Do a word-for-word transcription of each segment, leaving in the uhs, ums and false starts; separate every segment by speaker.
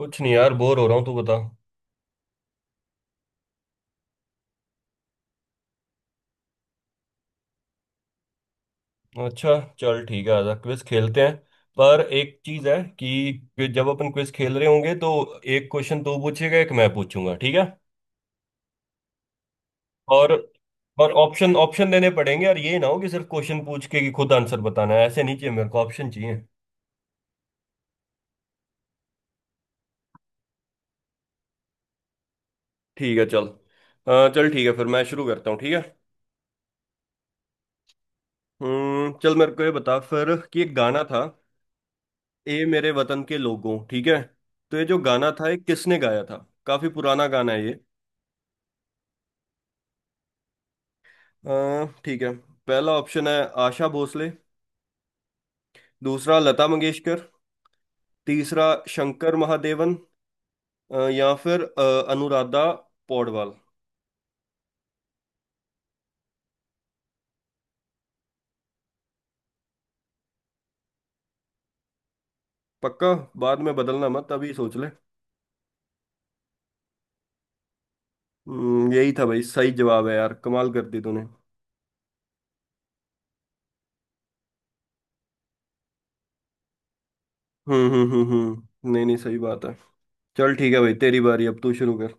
Speaker 1: कुछ नहीं यार, बोर हो रहा हूँ। तू बता। अच्छा चल ठीक है, आजा क्विज खेलते हैं। पर एक चीज है कि कि जब अपन क्विज खेल रहे होंगे तो एक क्वेश्चन तू पूछेगा, एक मैं पूछूंगा, ठीक है। और और ऑप्शन ऑप्शन देने पड़ेंगे, और ये ना हो कि सिर्फ क्वेश्चन पूछ के कि खुद आंसर बताना है, ऐसे नहीं चाहिए, मेरे को ऑप्शन चाहिए। ठीक है चल, अ, चल ठीक है, फिर मैं शुरू करता हूँ, ठीक है। हम्म चल, मेरे को ये बता फिर कि एक गाना था, ए मेरे वतन के लोगों, ठीक है। तो ये जो गाना था ये किसने गाया था? काफी पुराना गाना है ये। अ, ठीक है। पहला ऑप्शन है आशा भोसले। दूसरा लता मंगेशकर। तीसरा शंकर महादेवन। अ, या फिर अ, अनुराधा पौडवाल। पक्का? बाद में बदलना मत, अभी सोच ले। हम्म, यही था भाई, सही जवाब है यार, कमाल कर दी तूने। हम्म, हम्म, हम्म, हम्म, नहीं नहीं, सही बात है। चल ठीक है भाई, तेरी बारी, अब तू शुरू कर,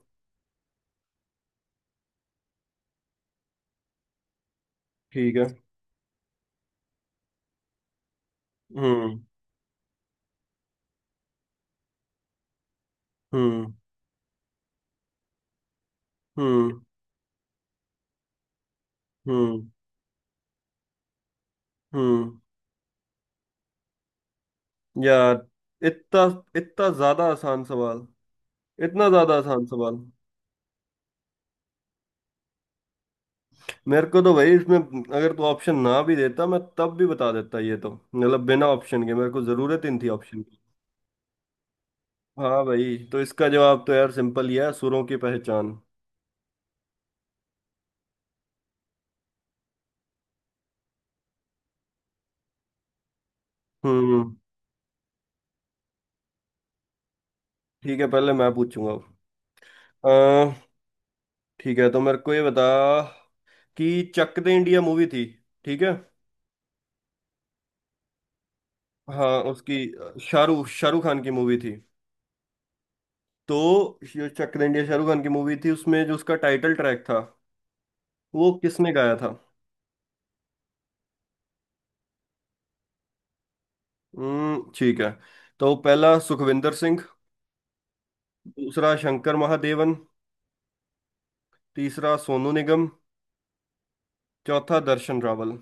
Speaker 1: ठीक है। हम्म। हम्म। हम्म। हम्म। हम्म। यार, इतना इतना ज्यादा आसान सवाल, इतना ज्यादा आसान सवाल। मेरे को तो भाई इसमें, अगर तू ऑप्शन ना भी देता, मैं तब भी बता देता। ये तो मतलब बिना ऑप्शन के मेरे को जरूरत ही नहीं थी ऑप्शन की। हाँ भाई, तो इसका जवाब तो यार सिंपल ही है, सुरों की पहचान। हम्म ठीक है, पहले मैं पूछूंगा। अह ठीक है, तो मेरे को ये बता कि चक दे इंडिया मूवी थी, ठीक है। हाँ, उसकी अ, शाहरुख शाहरुख खान की मूवी थी। तो ये चक दे इंडिया शाहरुख खान की मूवी थी, उसमें जो उसका टाइटल ट्रैक था वो किसने गाया था? हम्म ठीक है, तो पहला सुखविंदर सिंह, दूसरा शंकर महादेवन, तीसरा सोनू निगम, चौथा दर्शन रावल।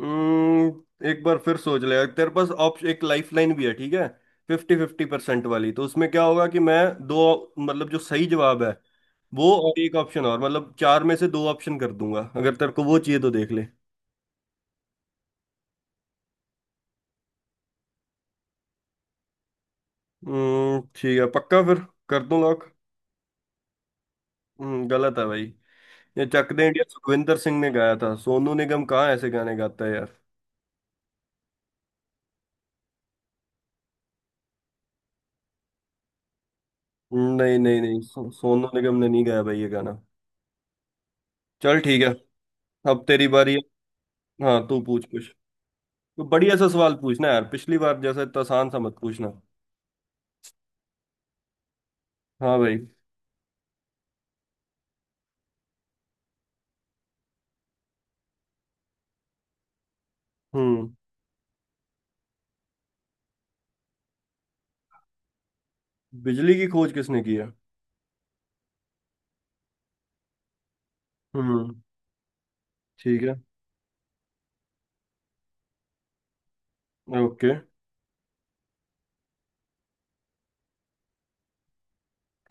Speaker 1: हम्म एक बार फिर सोच ले, तेरे पास ऑप्शन एक लाइफलाइन भी है, ठीक है। फिफ्टी फिफ्टी परसेंट वाली, तो उसमें क्या होगा कि मैं दो, मतलब जो सही जवाब है वो और एक ऑप्शन और, मतलब चार में से दो ऑप्शन कर दूंगा। अगर तेरे को वो चाहिए तो देख ले। हम्म ठीक है, पक्का? फिर कर दूं लॉक? हम्म गलत है भाई। ये चक दे इंडिया सुखविंदर सिंह ने गाया था, सोनू निगम कहाँ ऐसे गाने गाता है यार। हम्म, नहीं, नहीं, नहीं, सो, सोनू निगम ने नहीं गाया भाई ये गाना। चल ठीक है, अब तेरी बारी है। हाँ, तू पूछ कुछ। तो बढ़िया सा सवाल पूछना यार, पिछली बार जैसा इतना आसान सा मत पूछना। हाँ भाई। हम्म बिजली की खोज किसने की है? हम्म, ठीक है। Okay,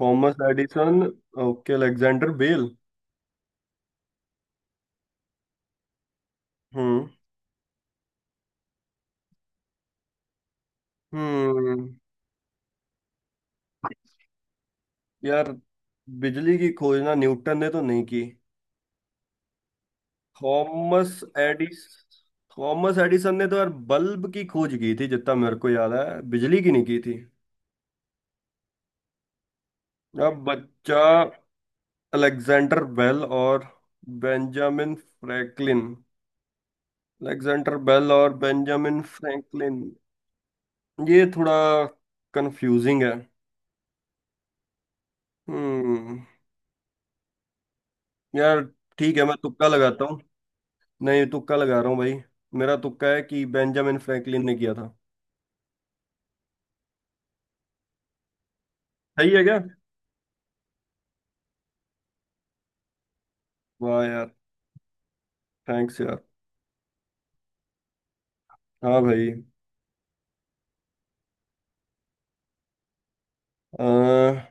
Speaker 1: Thomas Edison. Okay, Alexander Bell. हम्म, हम्म। यार, बिजली की खोज ना न्यूटन ने तो नहीं की। थॉमस एडिस थॉमस एडिसन ने तो यार बल्ब की खोज की थी, जितना मेरे को याद है, बिजली की नहीं की थी। अब बच्चा अलेक्जेंडर बेल और बेंजामिन फ्रैंकलिन, अलेक्जेंडर बेल और बेंजामिन फ्रैंकलिन। ये थोड़ा कंफ्यूजिंग है। हम्म यार, ठीक है, मैं तुक्का लगाता हूँ। नहीं, तुक्का लगा रहा हूँ भाई। मेरा तुक्का है कि बेंजामिन फ्रैंकलिन ने किया था। सही है क्या? वाह यार, थैंक्स यार। हाँ भाई। अह,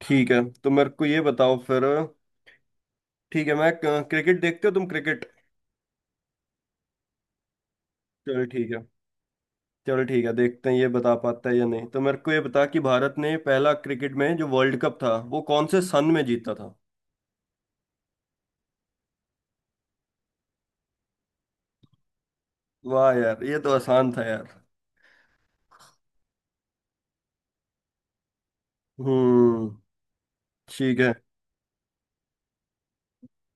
Speaker 1: ठीक है, तो मेरे को ये बताओ फिर। ठीक है, मैं क्रिकेट, देखते हो तुम क्रिकेट? चलो ठीक है। चलो ठीक है, देखते हैं ये बता पाता है या नहीं। तो मेरे को ये बता कि भारत ने पहला क्रिकेट में जो वर्ल्ड कप था वो कौन से सन में जीता था? वाह यार, ये तो आसान था यार। हम्म, ठीक है।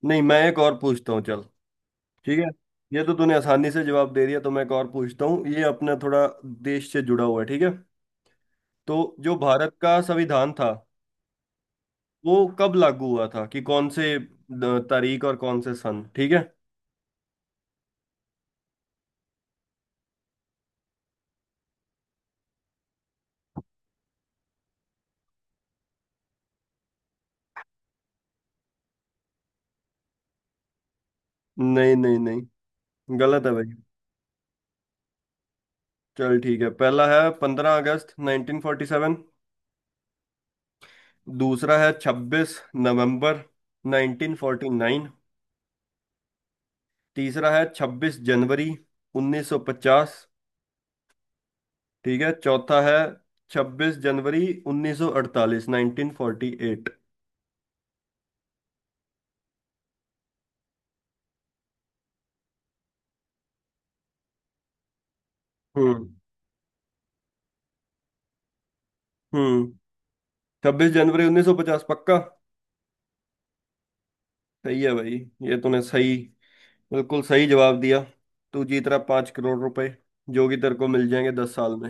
Speaker 1: नहीं, मैं एक और पूछता हूँ, चल। ठीक है। ये तो तूने आसानी से जवाब दे दिया, तो मैं एक और पूछता हूँ। ये अपना थोड़ा देश से जुड़ा हुआ है, ठीक है। तो जो भारत का संविधान था वो कब लागू हुआ था, कि कौन से अ, तारीख और कौन से सन, ठीक है? नहीं, नहीं, नहीं, गलत है भाई। चल ठीक है, पहला है पंद्रह अगस्त नाइनटीन फोर्टी सेवन। दूसरा है छब्बीस नवंबर नाइनटीन फोर्टी नाइन। तीसरा है छब्बीस जनवरी उन्नीस सौ पचास, ठीक है। चौथा है छब्बीस जनवरी उन्नीस सौ अड़तालीस नाइनटीन फोर्टी एट। हम्म, हम्म, छब्बीस जनवरी उन्नीस सौ पचास, पक्का? सही है भाई, ये तूने सही, बिल्कुल सही जवाब दिया। तू जीत रहा पांच करोड़ रुपए, जो कि तेरे को मिल जाएंगे दस साल में।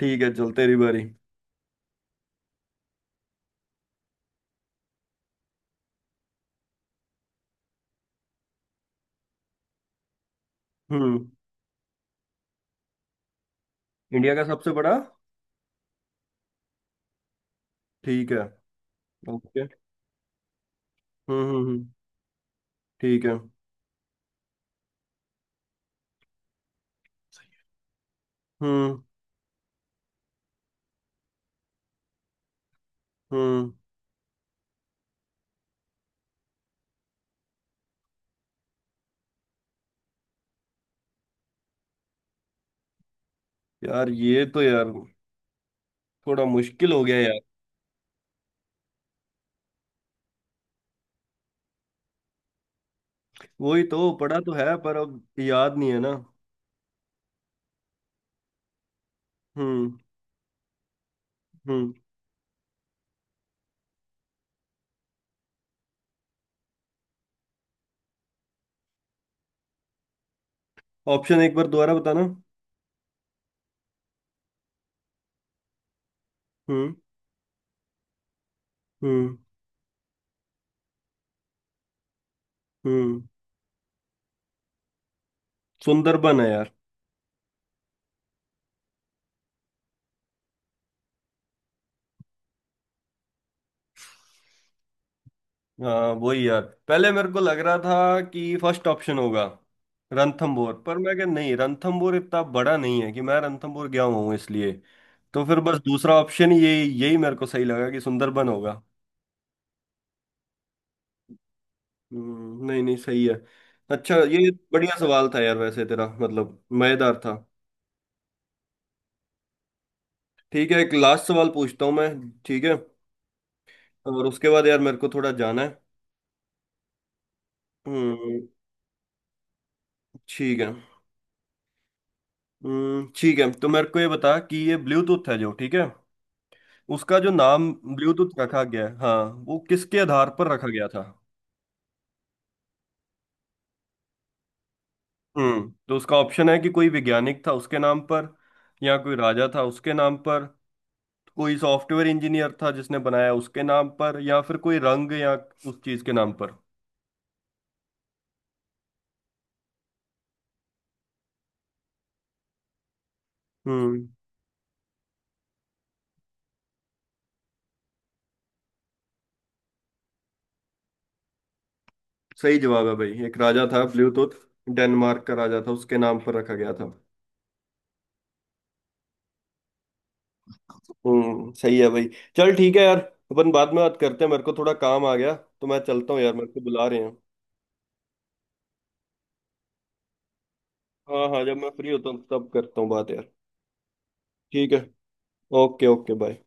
Speaker 1: ठीक है, चल तेरी बारी। हम्म इंडिया का सबसे बड़ा। ठीक है। ओके। हम्म, हम्म, हम्म, ठीक है। हम्म, हम्म। यार, ये तो यार थोड़ा मुश्किल हो गया यार। वही तो पढ़ा तो है, पर अब याद नहीं है ना। हम्म, हम्म, ऑप्शन एक बार दोबारा बताना। हम्म, हम्म, हम्म, सुंदरबन है यार। हाँ, वही यार, पहले मेरे को लग रहा था कि फर्स्ट ऑप्शन होगा रणथंभौर, पर मैं कह, नहीं, रणथंभौर इतना बड़ा नहीं है, कि मैं रणथंभौर गया हुआ हूँ इसलिए। तो फिर बस दूसरा ऑप्शन ये, यही मेरे को सही लगा कि सुंदरबन होगा। हम्म, नहीं, नहीं, सही है। अच्छा, ये बढ़िया सवाल था यार वैसे तेरा, मतलब मजेदार था। ठीक है, एक लास्ट सवाल पूछता हूँ मैं। ठीक है। और उसके बाद यार, मेरे को थोड़ा जाना है। हम्म। ठीक है। हम्म, ठीक है, तो मेरे को ये बता कि ये ब्लूटूथ है जो, ठीक है। उसका जो नाम ब्लूटूथ रखा गया है, हाँ, वो किसके आधार पर रखा गया था? हम्म तो उसका ऑप्शन है कि कोई वैज्ञानिक था उसके नाम पर, या कोई राजा था उसके नाम पर, कोई सॉफ्टवेयर इंजीनियर था जिसने बनाया उसके नाम पर, या फिर कोई रंग या उस चीज के नाम पर। हम्म सही जवाब है भाई, एक राजा था ब्लूटूथ, डेनमार्क का राजा था उसके नाम पर रखा गया था। हम्म सही है भाई। चल ठीक है यार, अपन बाद में बात करते हैं, मेरे को थोड़ा काम आ गया, तो मैं चलता हूँ यार, मेरे को बुला रहे हैं। हाँ, हाँ, जब मैं फ्री होता हूँ तब करता हूँ बात यार। ठीक है। Okay okay, bye.